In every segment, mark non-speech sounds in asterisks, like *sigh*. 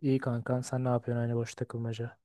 İyi kankan sen ne yapıyorsun aynı boş takılmaca?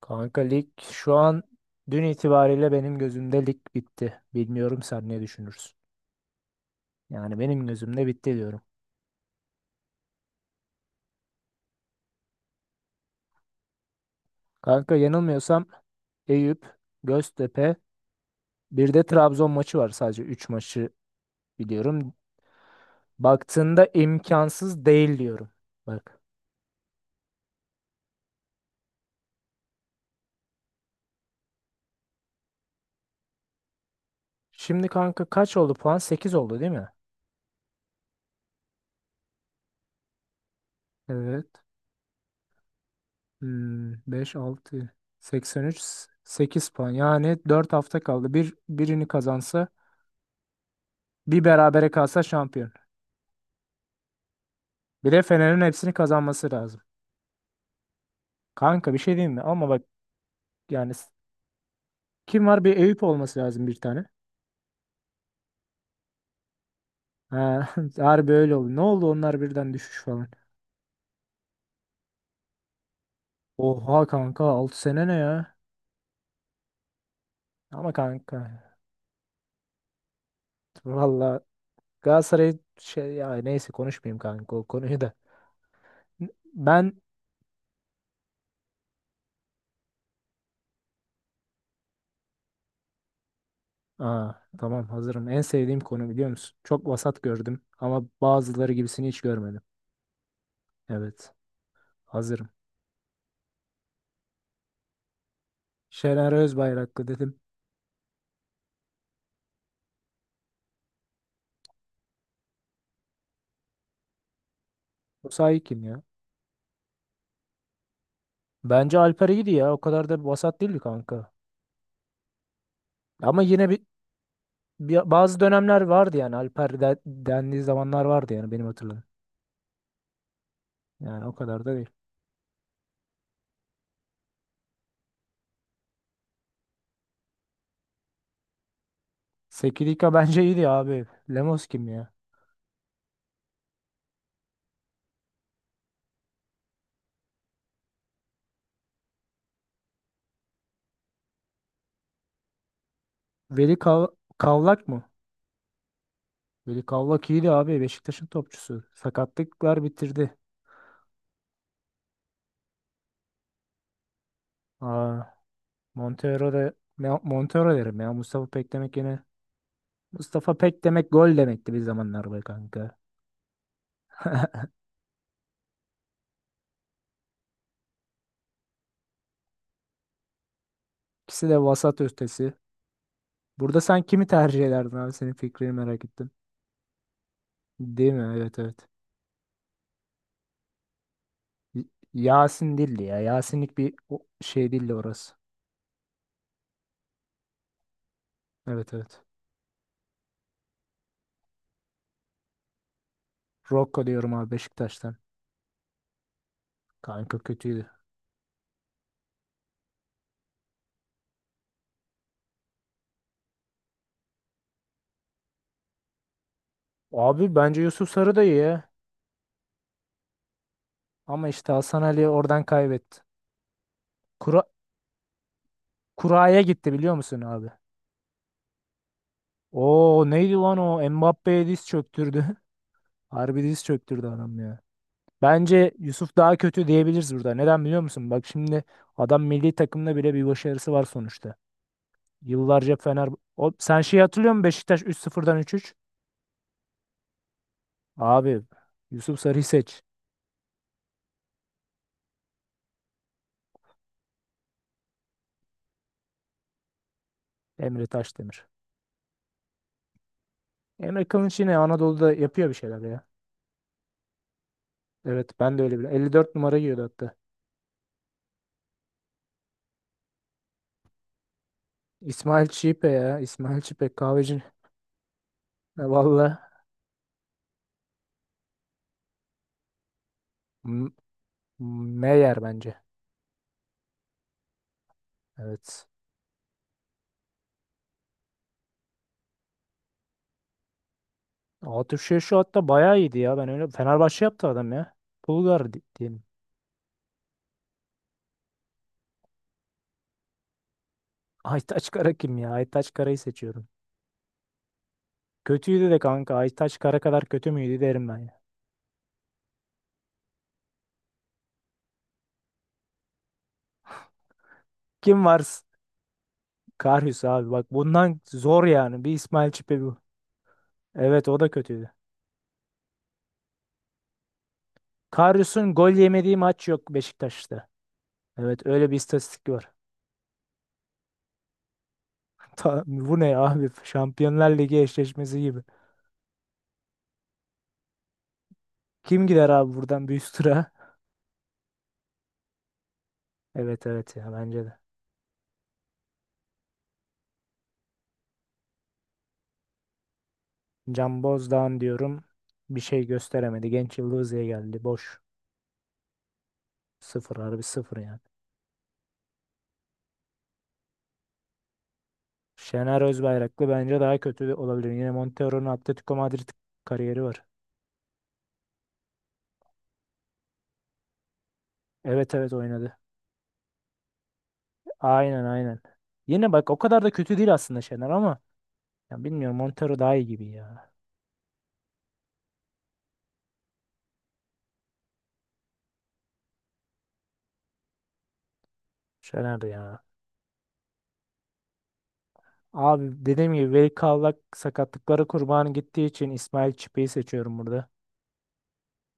Kanka lig şu an dün itibariyle benim gözümde lig bitti. Bilmiyorum sen ne düşünürsün. Yani benim gözümde bitti diyorum. Kanka yanılmıyorsam Eyüp, Göztepe bir de Trabzon maçı var sadece 3 maçı biliyorum. Baktığında imkansız değil diyorum. Bak. Şimdi kanka kaç oldu puan? 8 oldu değil mi? Evet. Beş altı 6, üç sekiz puan. Yani 4 hafta kaldı. Birini kazansa, bir berabere kalsa şampiyon. Bir de Fener'in hepsini kazanması lazım. Kanka bir şey diyeyim mi? Ama bak yani kim var? Bir Eyüp olması lazım bir tane. Ha, *laughs* harbi öyle oldu. Ne oldu onlar birden düşüş falan. Oha kanka 6 sene ne ya? Ama kanka valla Galatasaray şey ya neyse konuşmayayım kanka o konuyu da. Ben Aa, tamam hazırım. En sevdiğim konu biliyor musun? Çok vasat gördüm ama bazıları gibisini hiç görmedim. Evet hazırım. Şener Özbayraklı dedim. Bu sahi kim ya? Bence Alper iyiydi ya. O kadar da vasat değildi kanka. Ama yine bazı dönemler vardı yani. Alper dendiği zamanlar vardı yani benim hatırladığım. Yani o kadar da değil. Sekidika *laughs* bence iyiydi abi. Lemos kim ya? Veli Kavlak mı? Veli Kavlak iyiydi abi. Beşiktaş'ın topçusu. Sakatlıklar bitirdi. Aa, Montero da Montero derim ya. Mustafa Pek demek yine. Mustafa Pek demek gol demekti bir zamanlar be kanka. İkisi de vasat ötesi. Burada sen kimi tercih ederdin abi? Senin fikrini merak ettim. Değil mi? Evet, evet. Y- Yasin değildi ya. Yasinlik bir şey değildi orası. Evet, evet. Rocco diyorum abi Beşiktaş'tan. Kanka kötüydü. Abi bence Yusuf Sarı da iyi ya. Ama işte Hasan Ali oradan kaybetti. Kura Kura'ya gitti biliyor musun abi? Oo neydi lan o? Mbappé'ye diz çöktürdü. *laughs* Harbi diz çöktürdü adam ya. Bence Yusuf daha kötü diyebiliriz burada. Neden biliyor musun? Bak şimdi adam milli takımda bile bir başarısı var sonuçta. Yıllarca Fener... O, sen şeyi hatırlıyor musun? Beşiktaş üç sıfırdan üç üç. Abi Yusuf Sarı'yı seç. Emre Taşdemir. Emre Kılınç yine Anadolu'da yapıyor bir şeyler ya. Evet, ben de öyle biliyorum. 54 numara giyiyordu hatta. İsmail Çipe ya. İsmail Çipe kahveci. *laughs* Valla M- Meyer bence. Evet. Atıf şey şu hatta bayağı iyiydi ya. Ben öyle Fenerbahçe yaptı adam ya. Bulgar diyelim. *laughs* Aytaç Kara kim ya? Aytaç Kara'yı seçiyorum. Kötüydü de kanka. Aytaç Kara kadar kötü müydü derim ben ya. Kim var? Karius abi. Bak bundan zor yani. Bir İsmail Çipe bu. Evet, o da kötüydü. Karius'un gol yemediği maç yok Beşiktaş'ta. Evet öyle bir istatistik var. *laughs* Bu ne abi? Şampiyonlar Ligi eşleşmesi gibi. Kim gider abi buradan büyük tura? Evet, evet, ya bence de. Can Bozdağ'ın diyorum, bir şey gösteremedi. Genç Yıldız'ya geldi. Boş. Sıfır, harbi sıfır yani. Şener Özbayraklı bence daha kötü de olabilir. Yine Montero'nun Atletico Madrid kariyeri var. Evet, evet, oynadı. Aynen, aynen. Yine bak o kadar da kötü değil aslında Şener ama ya bilmiyorum Montero daha iyi gibi ya. Şener ya. Abi dediğim gibi Veli Kavlak sakatlıkları kurbanı gittiği için İsmail Çipe'yi seçiyorum burada.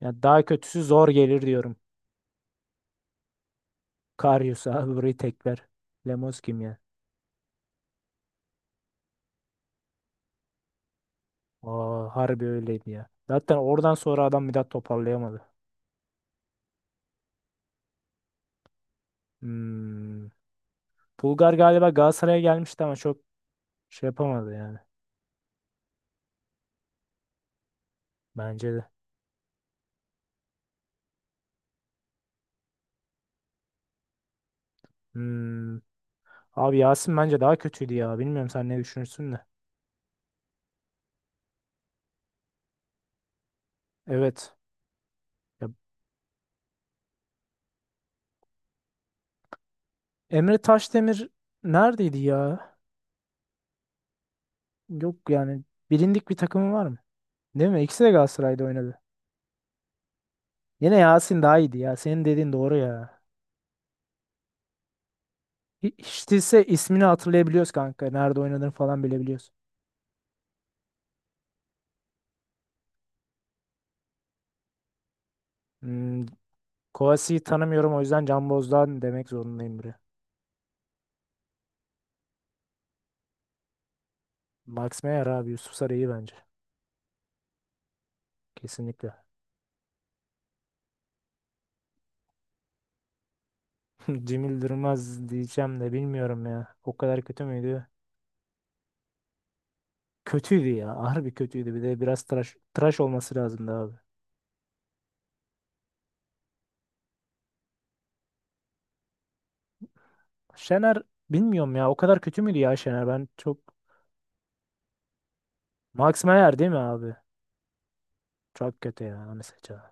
Ya daha kötüsü zor gelir diyorum. Karius abi burayı tekler. Lemos kim ya? Aa, harbi öyleydi ya. Zaten oradan sonra adam bir daha toparlayamadı. Hmm. Bulgar galiba Galatasaray'a gelmişti ama çok şey yapamadı yani. Bence de. Hmm. Abi Yasin bence daha kötüydü ya. Bilmiyorum sen ne düşünürsün de. Evet. Ya, Emre Taşdemir neredeydi ya? Yok yani bilindik bir takımı var mı? Değil mi? İkisi de Galatasaray'da oynadı. Yine Yasin daha iyiydi ya. Senin dediğin doğru ya. Hiç değilse ismini hatırlayabiliyoruz kanka. Nerede oynadığını falan bilebiliyoruz. Hmm, Kovasi'yi tanımıyorum, o yüzden Can Boz'dan demek zorundayım biri. Max Meyer abi, Yusuf Sarı iyi bence. Kesinlikle. *laughs* Cemil Durmaz diyeceğim de bilmiyorum ya. O kadar kötü müydü? Kötüydü ya. Harbi kötüydü. Bir de biraz tıraş, tıraş olması lazımdı abi. Şener bilmiyorum ya. O kadar kötü müydü ya Şener? Ben çok... Max Meyer değil mi abi? Çok kötü ya. Onu seçeceğim.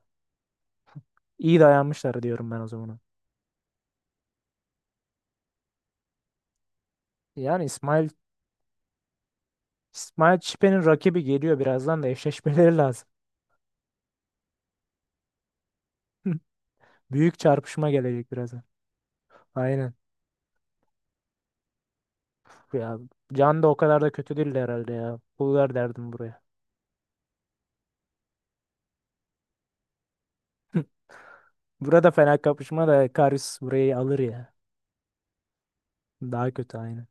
İyi dayanmışlar diyorum ben o zaman. Yani İsmail Çipe'nin rakibi geliyor birazdan da eşleşmeleri lazım. *laughs* Büyük çarpışma gelecek birazdan. Aynen. Ya, Can da o kadar da kötü değildi herhalde ya. Pul ver derdim buraya. *laughs* Burada fena kapışma da Karius burayı alır ya. Daha kötü aynı.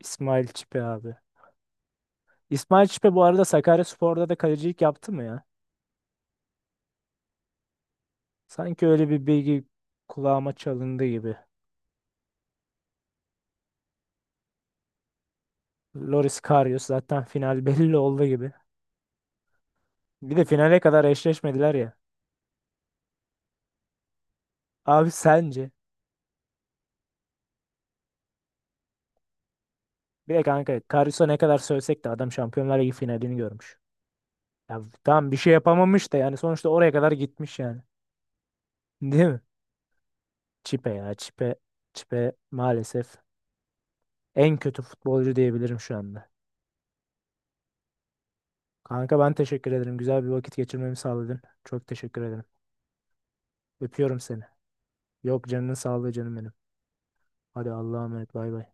İsmail Çipe abi. İsmail Çipe bu arada Sakaryaspor'da da kalecilik yaptı mı ya? Sanki öyle bir bilgi kulağıma çalındı gibi. Loris Karius zaten final *laughs* belli oldu gibi. Bir de finale kadar eşleşmediler ya. Abi sence? Bir de kanka Karius'a ne kadar sövsek de adam Şampiyonlar Ligi finalini görmüş. Ya tamam bir şey yapamamış da yani sonuçta oraya kadar gitmiş yani. Değil mi? Çipe ya, Çipe. Çipe maalesef en kötü futbolcu diyebilirim şu anda. Kanka ben teşekkür ederim. Güzel bir vakit geçirmemi sağladın. Çok teşekkür ederim. Öpüyorum seni. Yok, canının sağlığı canım benim. Hadi Allah'a emanet. Bay bay.